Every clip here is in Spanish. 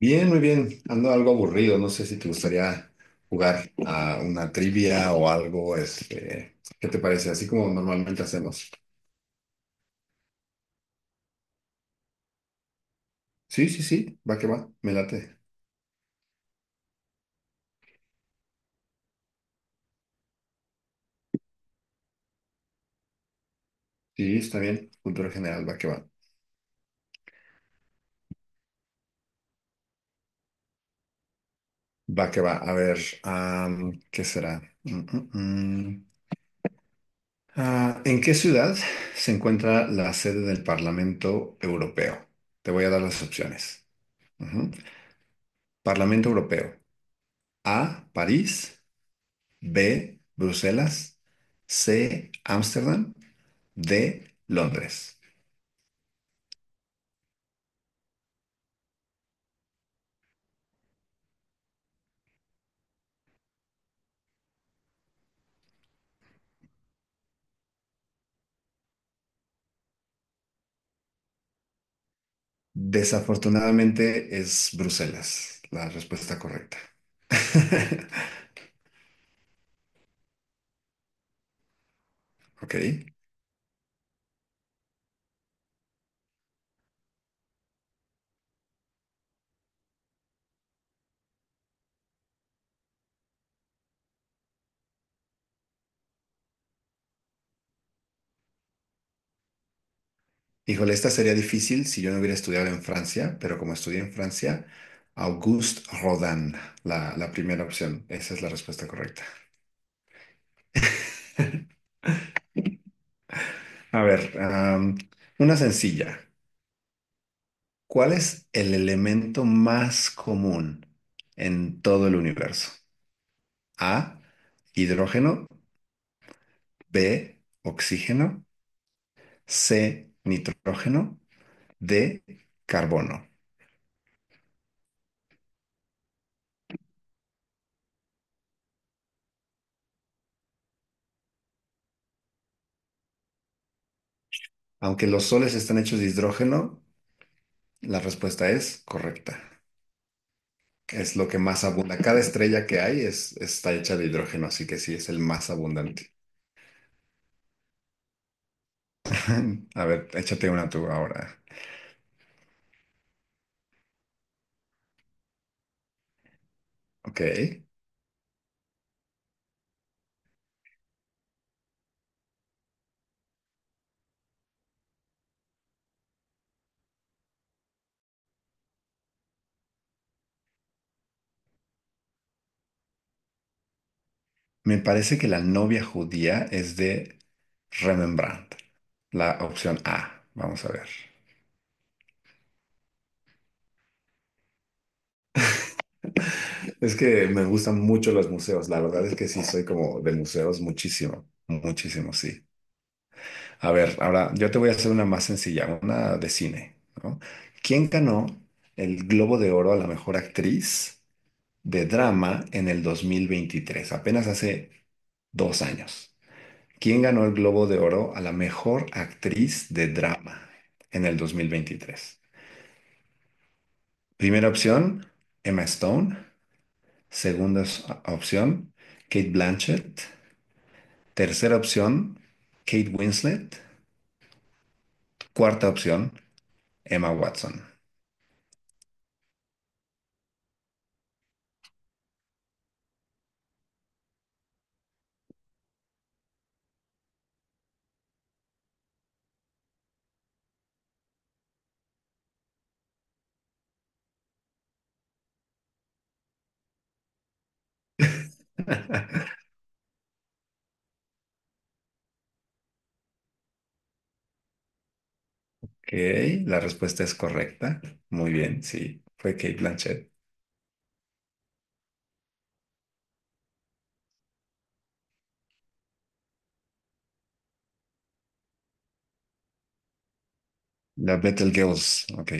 Bien, muy bien. Ando algo aburrido. No sé si te gustaría jugar a una trivia o algo. ¿Qué te parece? Así como normalmente hacemos. Sí, sí, sí. Va que va. Me late. Sí, está bien. Cultura general, va que va. Va que va. A ver, ¿qué será? Mm, mm, mm. Ah, ¿en qué ciudad se encuentra la sede del Parlamento Europeo? Te voy a dar las opciones. Ujú. Parlamento Europeo. A, París. B, Bruselas. C, Ámsterdam. D, Londres. Desafortunadamente es Bruselas la respuesta correcta. Ok. Híjole, esta sería difícil si yo no hubiera estudiado en Francia, pero como estudié en Francia, Auguste Rodin, la primera opción. Esa es la respuesta correcta. A ver, una sencilla. ¿Cuál es el elemento más común en todo el universo? A, hidrógeno. B, oxígeno. C, nitrógeno. D, carbono. Aunque los soles están hechos de hidrógeno, la respuesta es correcta. Es lo que más abunda. Cada estrella que hay está hecha de hidrógeno, así que sí, es el más abundante. A ver, échate una tú ahora. Ok. Me parece que la novia judía es de Rembrandt. La opción A. Vamos a ver. Es que me gustan mucho los museos. La verdad es que sí, soy como de museos muchísimo, muchísimo, sí. A ver, ahora yo te voy a hacer una más sencilla, una de cine, ¿no? ¿Quién ganó el Globo de Oro a la mejor actriz de drama en el 2023? Apenas hace 2 años. ¿Quién ganó el Globo de Oro a la mejor actriz de drama en el 2023? Primera opción, Emma Stone. Segunda opción, Kate Blanchett. Tercera opción, Kate Winslet. Cuarta opción, Emma Watson. Ok, la respuesta es correcta. Muy bien, sí, fue Kate Blanchett. La Betelgeuse, ok.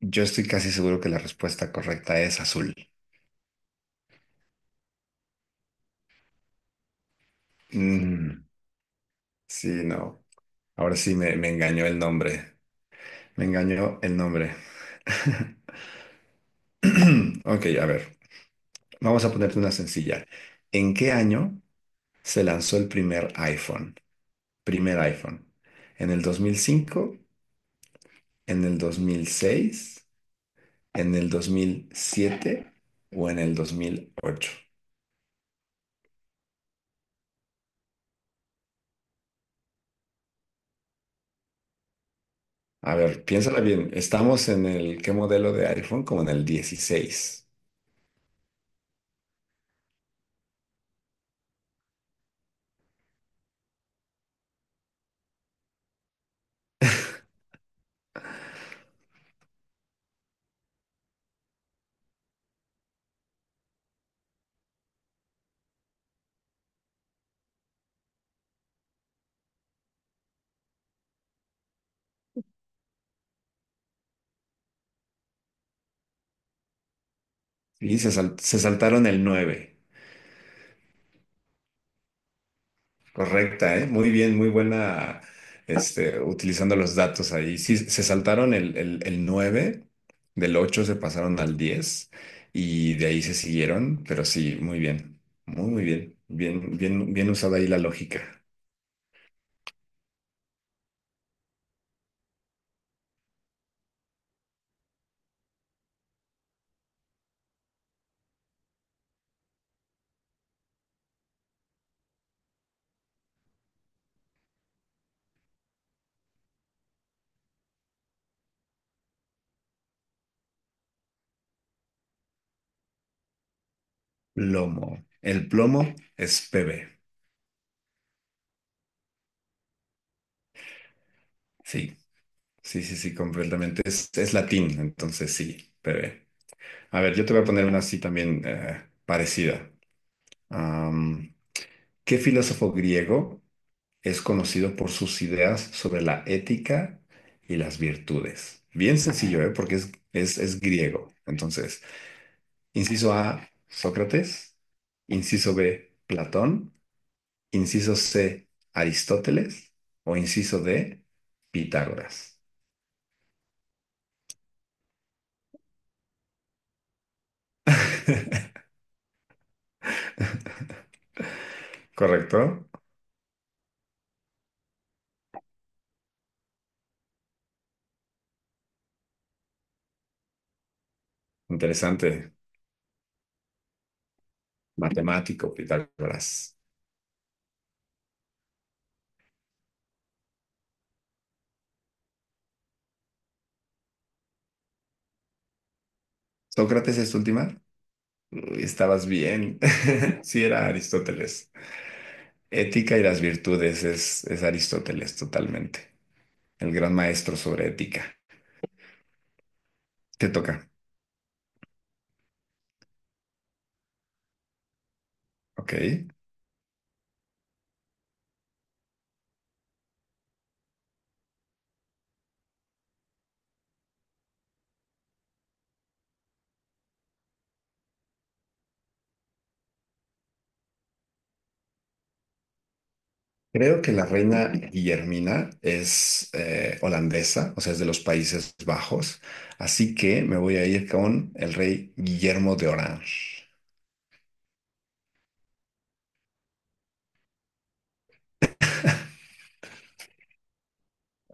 Yo estoy casi seguro que la respuesta correcta es azul. Mm, sí, no. Ahora sí me engañó el nombre. Me engañó el nombre. Ok, a ver, vamos a ponerte una sencilla. ¿En qué año se lanzó el primer iPhone? Primer iPhone. ¿En el 2005, en el 2006, en el 2007 o en el 2008? A ver, piénsala bien. Estamos en el, ¿qué modelo de iPhone? Como en el 16. Se saltaron el nueve. Correcta, ¿eh? Muy bien, muy buena, utilizando los datos ahí. Sí, se saltaron el 9 del 8, se pasaron al 10 y de ahí se siguieron, pero sí, muy bien, muy, muy bien, bien, bien, bien usada ahí la lógica. Plomo. El plomo es PB. Sí, sí, sí, sí, completamente. Es latín, entonces sí, PB. A ver, yo te voy a poner una así también parecida. Am, ¿qué filósofo griego? Es conocido por sus ideas sobre la ética y las virtudes. Bien sencillo, ¿eh? Porque es griego. Entonces, inciso A, Sócrates. Inciso B, Platón. Inciso C, Aristóteles. O inciso D, Pitágoras. ¿Correcto? Interesante. Matemático, Pitágoras. ¿Sócrates es tu última? Uy, estabas bien. Sí, era Aristóteles. Ética y las virtudes es Aristóteles totalmente, el gran maestro sobre ética. Te toca, ok. Creo que la reina Guillermina es holandesa, o sea, es de los Países Bajos, así que me voy a ir con el rey Guillermo de Orange.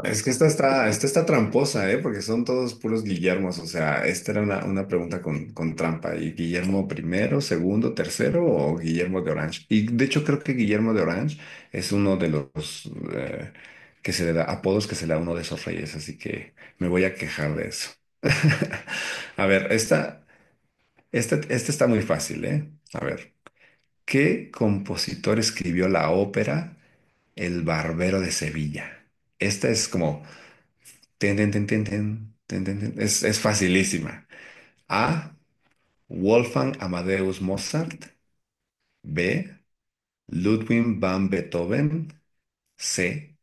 Es que esta está tramposa, ¿eh? Porque son todos puros Guillermos. O sea, esta era una pregunta con trampa. ¿Y Guillermo primero, segundo, tercero o Guillermo de Orange? Y de hecho creo que Guillermo de Orange es uno de los que se le da, apodos que se le da a uno de esos reyes. Así que me voy a quejar de eso. A ver, esta está muy fácil, ¿eh? A ver, ¿qué compositor escribió la ópera El Barbero de Sevilla? Esta es como tin, tin, tin, tin, tin, tin, tin, tin. Es facilísima. A. Wolfgang Amadeus Mozart. B. Ludwig van Beethoven. C.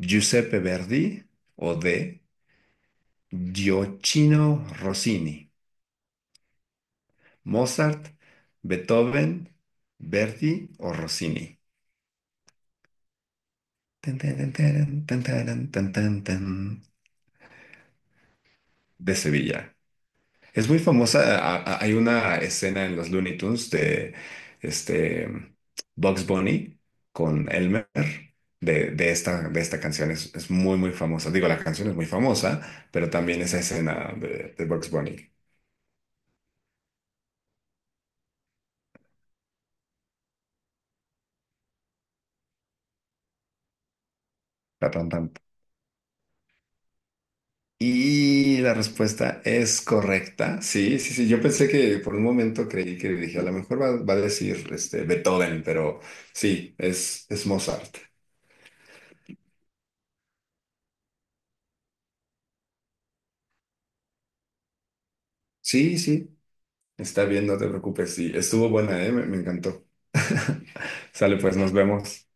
Giuseppe Verdi. O D. Giochino Rossini. Mozart, Beethoven, Verdi o Rossini. Tin, tin, tin, tin, tin, tin, tin, tin, tin. De Sevilla. Es, muy famosa. Hay una escena en los Looney Tunes de este Bugs Bunny con Elmer de esta canción. Es muy, muy famosa. Digo, la canción es muy famosa, pero también esa escena de Bugs Bunny. La tan, tan. Y la respuesta es correcta. Sí, sí, sí. Yo pensé que por un momento creí que dije, a lo mejor va a decir Beethoven, pero sí, es Mozart. Sí, sí. Está bien, no te preocupes. Sí, estuvo buena, ¿eh? Me encantó. Sale, pues nos vemos.